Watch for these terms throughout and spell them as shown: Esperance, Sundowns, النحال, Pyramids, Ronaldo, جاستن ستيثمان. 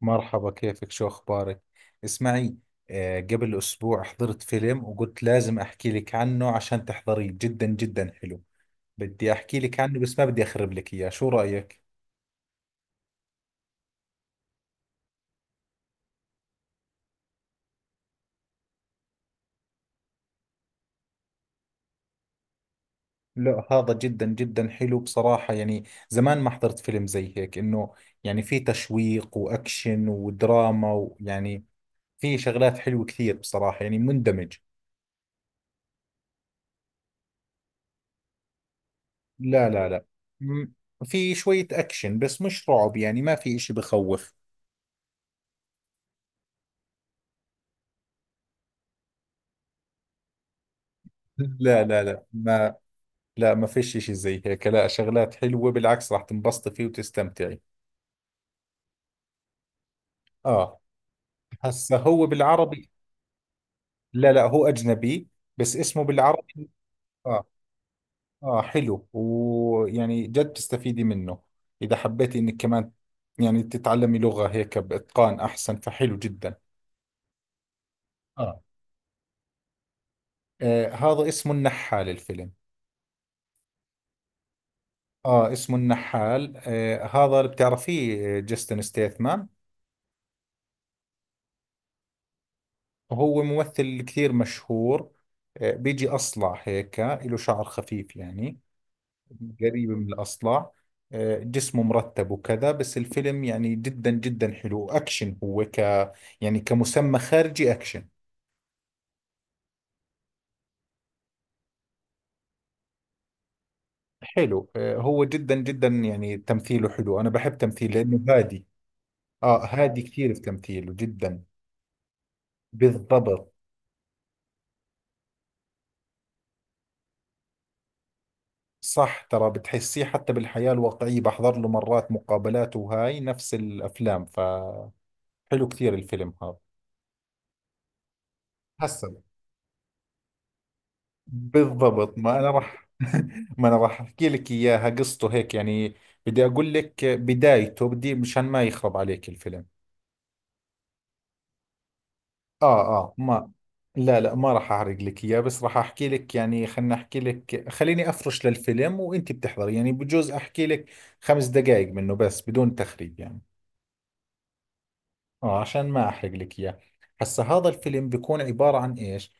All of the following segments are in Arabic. مرحبا، كيفك؟ شو أخبارك؟ اسمعي، قبل أسبوع حضرت فيلم وقلت لازم أحكي لك عنه عشان تحضريه، جدا جدا حلو. بدي أحكي لك عنه بس ما بدي أخرب لك إياه، شو رأيك؟ لا هذا جدا جدا حلو بصراحة، يعني زمان ما حضرت فيلم زي هيك. إنه يعني في تشويق وأكشن ودراما، ويعني في شغلات حلوة كثير بصراحة، يعني مندمج. لا لا لا، م- في شوية أكشن بس مش رعب، يعني ما في إشي بخوف. لا لا لا ما، لا ما فيش اشي زي هيك، لا شغلات حلوة بالعكس، راح تنبسطي فيه وتستمتعي. اه. هسا هو بالعربي. لا لا، هو اجنبي بس اسمه بالعربي. اه. اه حلو، ويعني جد تستفيدي منه اذا حبيتي انك كمان يعني تتعلمي لغة هيك باتقان احسن، فحلو جدا. اه, هذا اسمه النحال الفيلم. اه اسمه النحال، هذا اللي بتعرفيه، جاستن ستيثمان. هو ممثل كثير مشهور. بيجي أصلع هيك، له شعر خفيف يعني، قريب من الأصلع. جسمه مرتب وكذا، بس الفيلم يعني جدا جدا حلو أكشن. هو ك، يعني كمسمى خارجي أكشن. حلو. هو جدا جدا يعني تمثيله حلو، أنا بحب تمثيله لأنه هادي. هادي كثير في تمثيله جدا. بالضبط. صح، ترى بتحسيه حتى بالحياة الواقعية، بحضر له مرات مقابلات وهاي نفس الأفلام، ف حلو كثير الفيلم هذا. حسن. بالضبط، ما انا راح، ما انا راح احكي لك اياها قصته هيك يعني. بدي اقول لك بدايته، بدي مشان ما يخرب عليك الفيلم. اه اه ما، لا لا، ما راح احرق لك اياه بس راح احكي لك يعني، خلنا احكي لك، خليني افرش للفيلم وانت بتحضري، يعني بجوز احكي لك 5 دقائق منه بس بدون تخريب يعني. اه عشان ما احرق لك اياه. هسا هذا الفيلم بيكون عبارة عن ايش،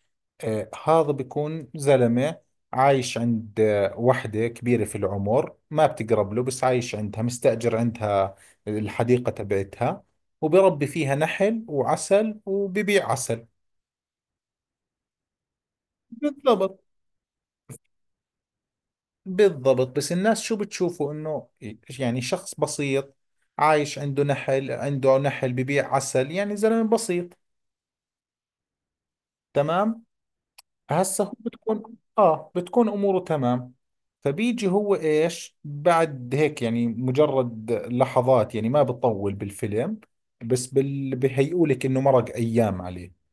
هذا بيكون زلمة عايش عند وحدة كبيرة في العمر، ما بتقرب له بس عايش عندها، مستأجر عندها الحديقة تبعتها، وبربي فيها نحل وعسل وببيع عسل. بالضبط. بالضبط بس الناس شو بتشوفوا؟ انه يعني شخص بسيط عايش عنده نحل، عنده نحل ببيع عسل، يعني زلمة بسيط. تمام. هسه هو بتكون، اه بتكون اموره تمام. فبيجي هو ايش بعد هيك، يعني مجرد لحظات يعني ما بطول بالفيلم، بس بهيئوا لك انه مرق ايام عليه.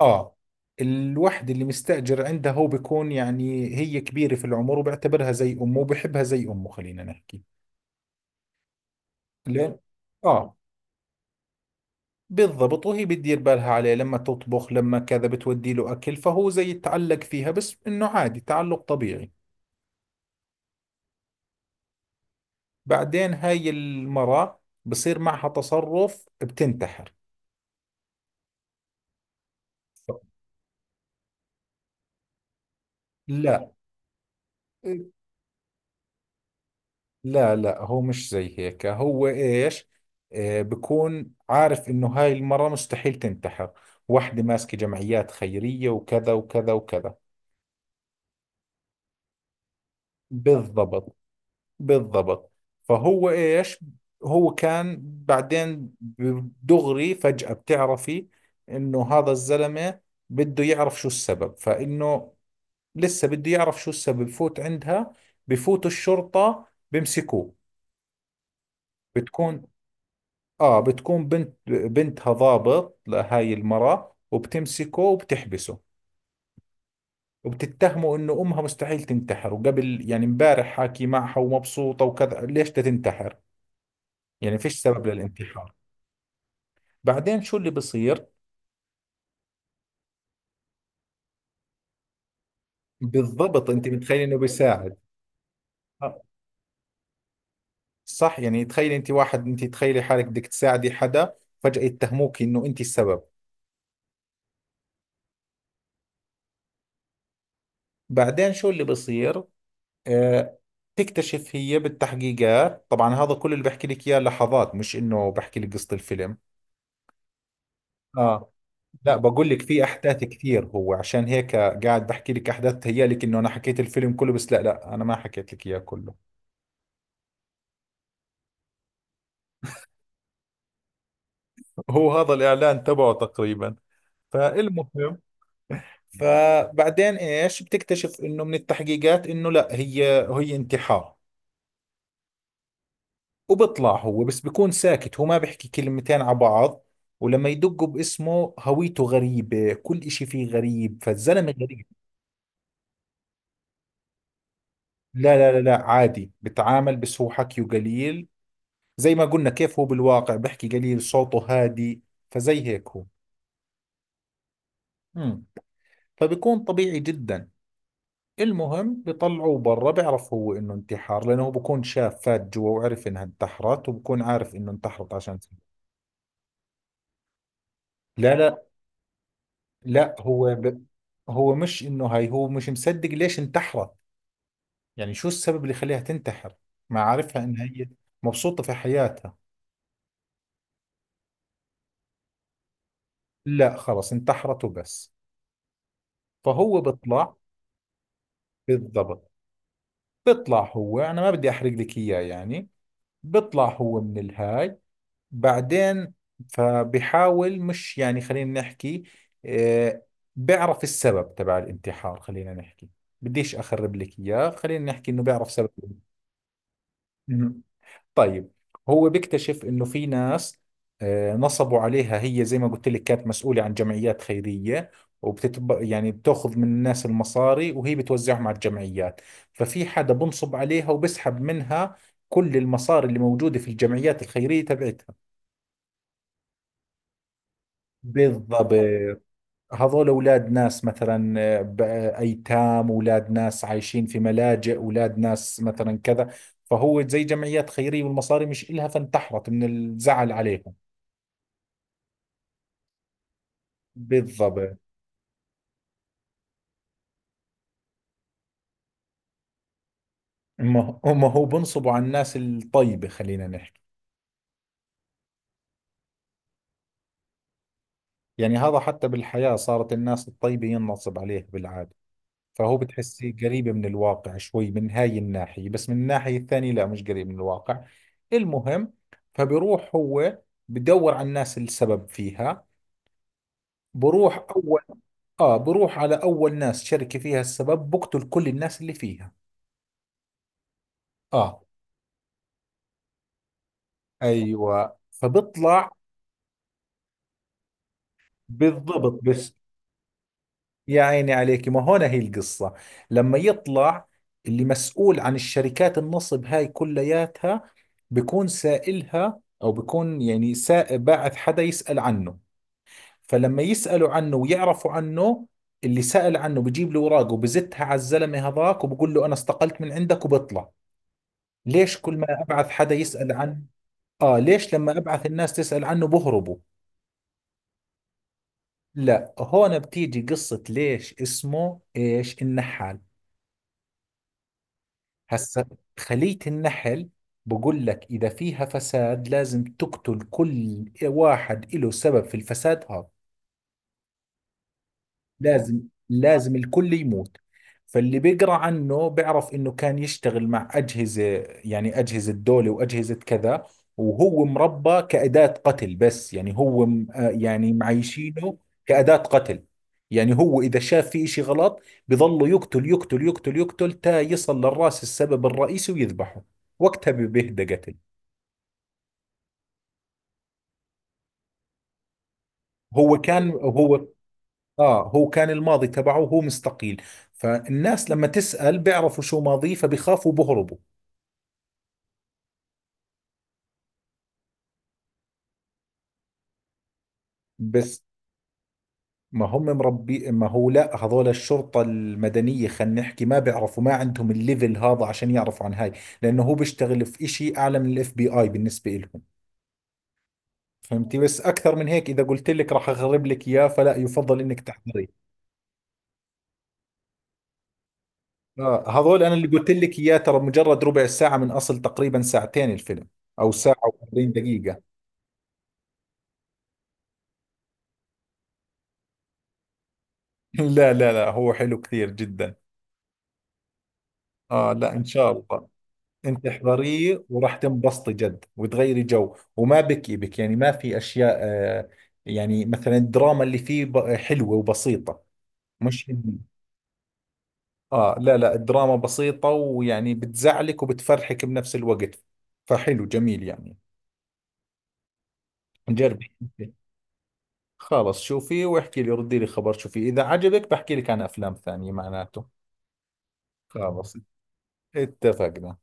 اه. الوحده اللي مستأجر عندها هو بيكون، يعني هي كبيرة في العمر وبيعتبرها زي امه وبحبها زي امه خلينا نحكي. ليه؟ اه. بالضبط، وهي بتدير بالها عليه، لما تطبخ لما كذا بتودي له اكل، فهو زي يتعلق فيها بس انه عادي، تعلق طبيعي. بعدين هاي المرأة بصير معها تصرف، بتنتحر. لا لا لا، هو مش زي هيك، هو ايش؟ بكون عارف انه هاي المرة مستحيل تنتحر، واحدة ماسكة جمعيات خيرية وكذا وكذا وكذا. بالضبط. بالضبط. فهو ايش، هو كان بعدين دغري فجأة بتعرفي انه هذا الزلمة بده يعرف شو السبب، فانه لسه بده يعرف شو السبب، بفوت عندها، بفوت الشرطة، بمسكوه. بتكون، اه بتكون بنت بنتها ضابط لهاي المرة، وبتمسكه وبتحبسه، وبتتهمه انه امها مستحيل تنتحر، وقبل يعني امبارح حاكي معها ومبسوطة وكذا، ليش بدها تنتحر؟ يعني فيش سبب للانتحار. بعدين شو اللي بصير؟ بالضبط، انت متخيل انه بيساعد. آه، صح، يعني تخيلي انت واحد، انت تخيلي حالك بدك تساعدي حدا، فجأة يتهموك انه انت السبب. بعدين شو اللي بصير؟ آه، تكتشف هي بالتحقيقات طبعا، هذا كل اللي بحكي لك اياه لحظات، مش انه بحكي لك قصة الفيلم. اه، لا بقول لك، في احداث كثير، هو عشان هيك قاعد بحكي لك احداث تهيألك انه انا حكيت الفيلم كله، بس لا لا انا ما حكيت لك اياه كله. هو هذا الاعلان تبعه تقريبا، فالمهم. فبعدين ايش بتكتشف؟ انه من التحقيقات انه لا، هي هي انتحار. وبيطلع هو، بس بيكون ساكت، هو ما بيحكي كلمتين على بعض، ولما يدقوا باسمه هويته غريبة، كل إشي فيه غريب، فالزلمة غريب. لا لا لا لا، عادي بتعامل بس هو حكيه قليل، زي ما قلنا كيف هو بالواقع، بيحكي قليل، صوته هادي، فزي هيك هو. امم فبيكون طبيعي جدا. المهم بيطلعوه برا، بيعرف هو انه انتحار لانه هو بكون شاف، فات جوا وعرف انها انتحرت، وبكون عارف انه انتحرت عشان. لا لا لا، هو هو مش انه هاي، هو مش مصدق ليش انتحرت، يعني شو السبب اللي خليها تنتحر، ما عارفها ان هي مبسوطة في حياتها. لا خلص انتحرت وبس. فهو بيطلع. بالضبط. بيطلع هو، انا ما بدي احرق لك اياه يعني، بيطلع هو من الهاي. بعدين فبحاول مش يعني خلينا نحكي، آه بيعرف السبب تبع الانتحار، خلينا نحكي، بديش اخرب لك اياه، خلينا نحكي انه بيعرف سبب. طيب. هو بيكتشف انه في ناس، نصبوا عليها، هي زي ما قلت لك كانت مسؤولة عن جمعيات خيرية، وبتتب يعني بتاخذ من الناس المصاري وهي بتوزعهم على الجمعيات، ففي حدا بنصب عليها وبسحب منها كل المصاري اللي موجودة في الجمعيات الخيرية تبعتها. بالضبط. هذول اولاد ناس مثلا، ايتام، اولاد ناس عايشين في ملاجئ، اولاد ناس مثلا كذا، فهو زي جمعيات خيرية والمصاري مش إلها فانتحرت من الزعل عليهم. بالضبط. هم هم هو بنصبوا على الناس الطيبة خلينا نحكي، يعني هذا حتى بالحياة صارت الناس الطيبة ينصب عليها بالعادة، فهو بتحسي قريبة من الواقع شوي من هاي الناحية، بس من الناحية الثانية لا مش قريب من الواقع. المهم، فبروح هو بدور على الناس السبب فيها. بروح أول، بروح على أول ناس، شركة فيها السبب، بقتل كل الناس اللي فيها. آه. أيوة فبطلع. بالضبط بس، يا عيني عليك، ما هون هي القصة. لما يطلع اللي مسؤول عن الشركات النصب هاي كلياتها، بكون سائلها أو بكون يعني باعث حدا يسأل عنه، فلما يسألوا عنه ويعرفوا عنه، اللي سأل عنه بجيب له أوراقه وبزتها على الزلمة هذاك وبقول له أنا استقلت من عندك وبطلع. ليش كل ما أبعث حدا يسأل عن، آه ليش لما أبعث الناس تسأل عنه بهربوا؟ لا هون بتيجي قصة ليش اسمه إيش النحال. هسا خلية النحل، بقول لك إذا فيها فساد لازم تقتل كل واحد له سبب في الفساد هذا، لازم، لازم الكل يموت. فاللي بيقرأ عنه بيعرف انه كان يشتغل مع اجهزة، يعني اجهزة دولة واجهزة كذا، وهو مربى كأداة قتل، بس يعني هو يعني معيشينه كأداة قتل، يعني هو اذا شاف في اشي غلط بظله يقتل يقتل يقتل يقتل تا يصل للراس السبب الرئيسي ويذبحه، وقتها بيهدى قتل. هو كان هو، اه هو كان الماضي تبعه، هو مستقيل، فالناس لما تسأل بيعرفوا شو ماضيه فبيخافوا بهربوا. بس ما هم مربي، ما هو لا هذول الشرطة المدنية خلينا نحكي ما بيعرفوا، ما عندهم الليفل هذا عشان يعرفوا عن هاي، لأنه هو بيشتغل في إشي أعلى من الاف بي آي بالنسبة لهم. فهمتي، بس أكثر من هيك إذا قلت لك راح أخرب لك إياه فلا، يفضل إنك تحضري. هذول أنا اللي قلت لك إياه ترى مجرد ربع ساعة من أصل تقريبا ساعتين الفيلم، أو ساعة و40 دقيقة. لا لا لا، هو حلو كثير جدا. اه لا ان شاء الله. انت احضريه وراح تنبسطي جد وتغيري جو، وما بكي بك يعني، ما في اشياء. يعني مثلا الدراما اللي فيه حلوة وبسيطة، مش إنه- اه لا لا، الدراما بسيطة ويعني بتزعلك وبتفرحك بنفس الوقت، فحلو جميل يعني. جربي. أنت. خلص شوفي واحكي لي، ردي لي خبر، شوفي اذا عجبك بحكي لك عن افلام ثانية معناته. خلص. اتفقنا.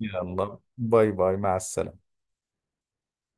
يلا باي باي مع السلامة.